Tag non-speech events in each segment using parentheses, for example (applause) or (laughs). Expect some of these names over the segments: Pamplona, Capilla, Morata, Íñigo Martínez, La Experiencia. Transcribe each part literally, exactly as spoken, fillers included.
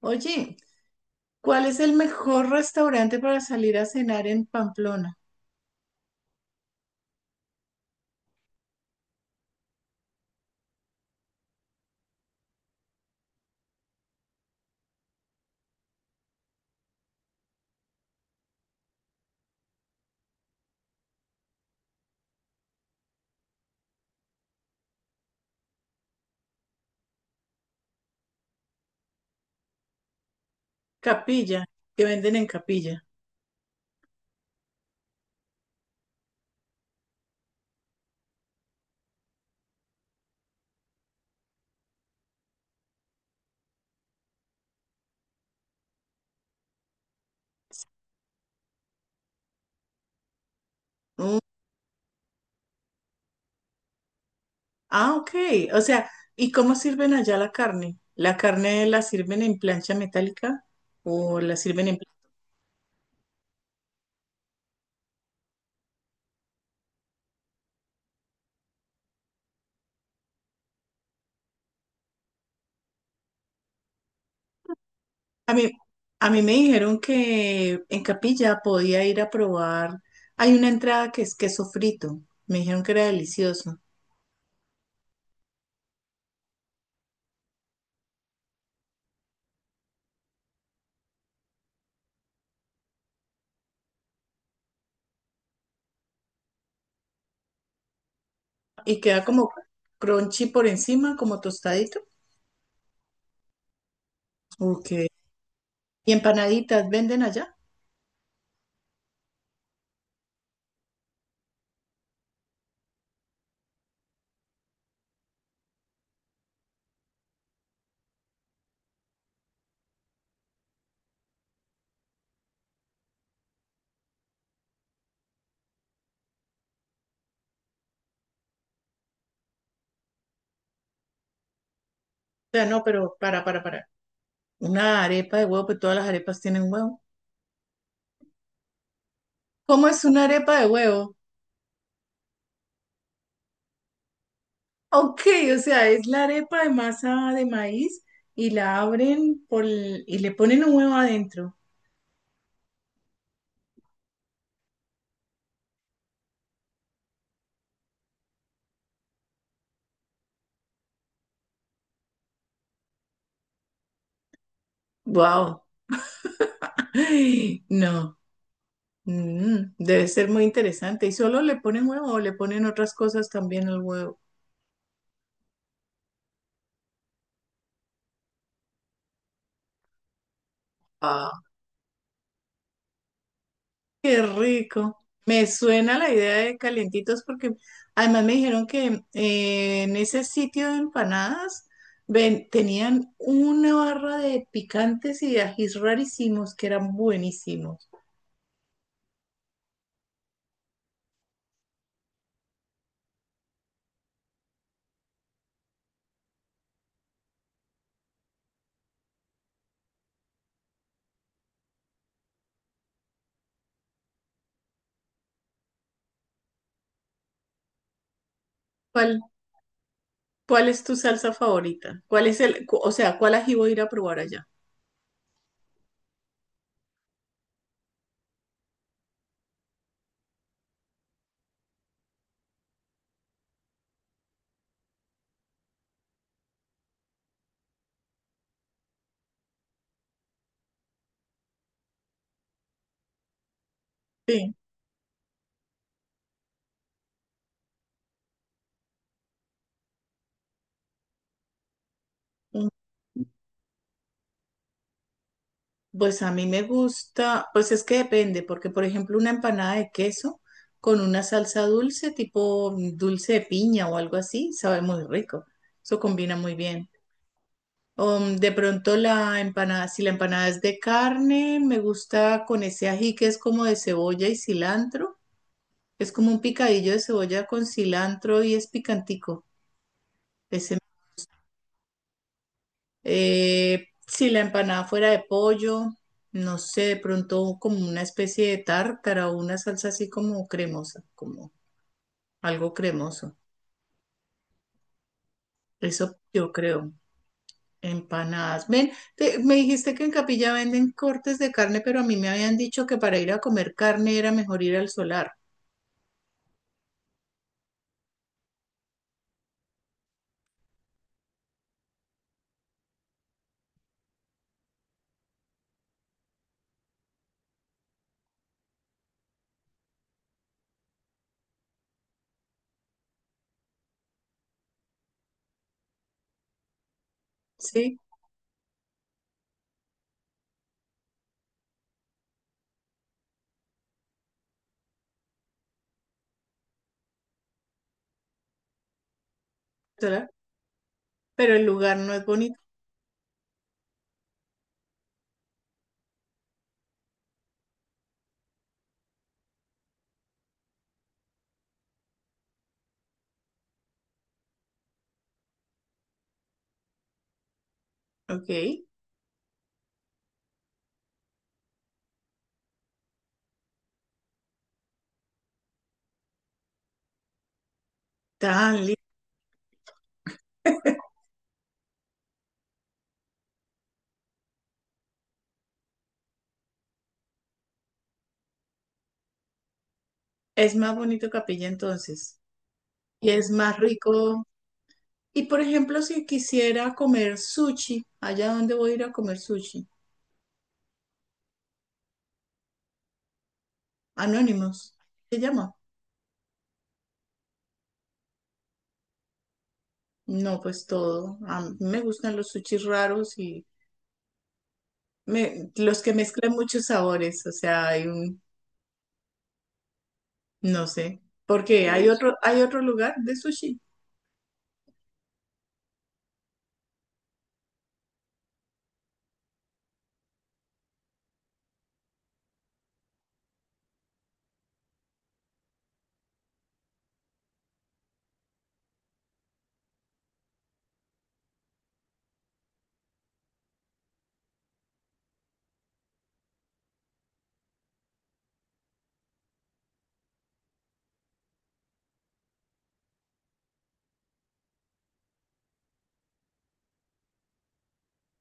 Oye, ¿cuál es el mejor restaurante para salir a cenar en Pamplona? Capilla, que venden en Capilla. Mm, ah, ok. O sea, ¿y cómo sirven allá la carne? ¿La carne la sirven en plancha metálica o la sirven en? A mí, a mí me dijeron que en Capilla podía ir a probar. Hay una entrada que es queso frito. Me dijeron que era delicioso. Y queda como crunchy por encima, como tostadito. Ok. ¿Y empanaditas venden allá? Sea, no, pero para, para, para. Una arepa de huevo, pues todas las arepas tienen huevo. ¿Cómo es una arepa de huevo? Ok, o sea, es la arepa de masa de maíz y la abren por el- y le ponen un huevo adentro. Wow. Ay, (gasps) no. Mm, debe ser muy interesante. ¿Y solo le ponen huevo o le ponen otras cosas también al huevo? Ah. Qué rico. Me suena la idea de calientitos porque además me dijeron que eh, en ese sitio de empanadas ven- tenían una barra de picantes y de ajís rarísimos que eran buenísimos. ¿Cuál, cuál es tu salsa favorita? ¿Cuál es el, cu- o sea, cuál ají voy a ir a probar allá? Sí. Pues a mí me gusta, pues es que depende, porque por ejemplo una empanada de queso con una salsa dulce, tipo mm, dulce de piña o algo así, sabe muy rico. Eso combina muy bien. O, mm, de pronto la empanada, si la empanada es de carne, me gusta con ese ají que es como de cebolla y cilantro. Es como un picadillo de cebolla con cilantro y es picantico. Ese Eh, si la empanada fuera de pollo, no sé, de pronto como una especie de tártara o una salsa así como cremosa, como algo cremoso. Eso yo creo. Empanadas. Ven, te- me dijiste que en Capilla venden cortes de carne, pero a mí me habían dicho que para ir a comer carne era mejor ir al solar. Sí, solar. Pero el lugar no es bonito. Ok. Tan lindo. Es más bonito Capilla entonces. Y es más rico. Y por ejemplo, si quisiera comer sushi, ¿allá dónde voy a ir a comer sushi? Anónimos, ¿se llama? No, pues todo. A mí me gustan los sushis raros y me- los que mezclan muchos sabores. O sea, hay un, no sé, porque hay otro, hay otro lugar de sushi.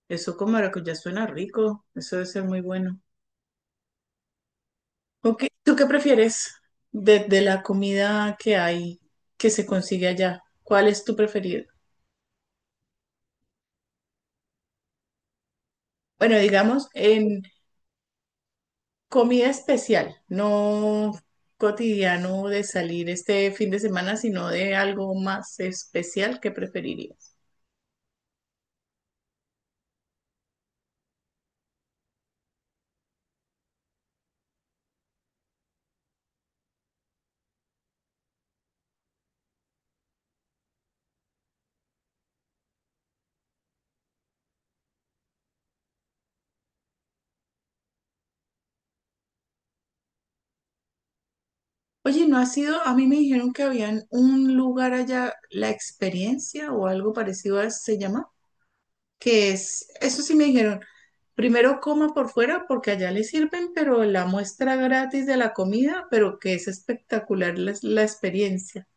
Eso con maracuyá suena rico. Eso debe ser muy bueno. Ok, ¿tú qué prefieres de, de la comida que hay, que se consigue allá? ¿Cuál es tu preferido? Bueno, digamos, en comida especial, no cotidiano de salir este fin de semana, sino de algo más especial que preferirías. Oye, ¿no ha sido? A mí me dijeron que habían un lugar allá, La Experiencia o algo parecido a se llama, que es, eso sí me dijeron, primero coma por fuera porque allá le sirven, pero la muestra gratis de la comida, pero que es espectacular la, la experiencia.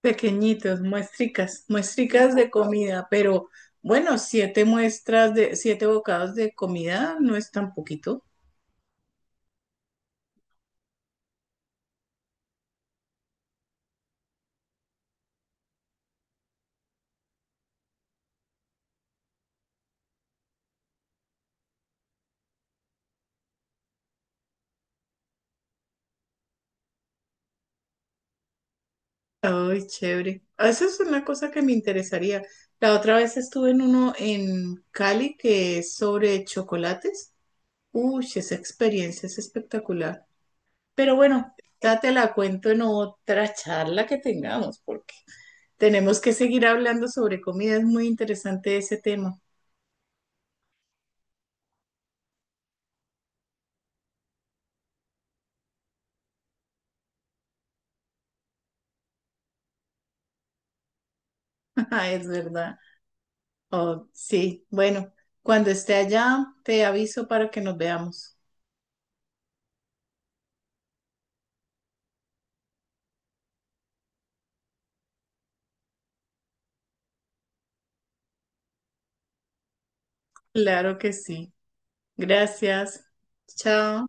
Pequeñitos, muestricas, muestricas de comida, pero bueno, siete muestras de, siete bocados de comida no es tan poquito. Ay, chévere. Ah, esa es una cosa que me interesaría. La otra vez estuve en uno en Cali que es sobre chocolates. Uy, esa experiencia es espectacular. Pero bueno, ya te la cuento en otra charla que tengamos, porque tenemos que seguir hablando sobre comida, es muy interesante ese tema. (laughs) Es verdad. Oh, sí, bueno, cuando esté allá te aviso para que nos veamos. Claro que sí. Gracias. Chao.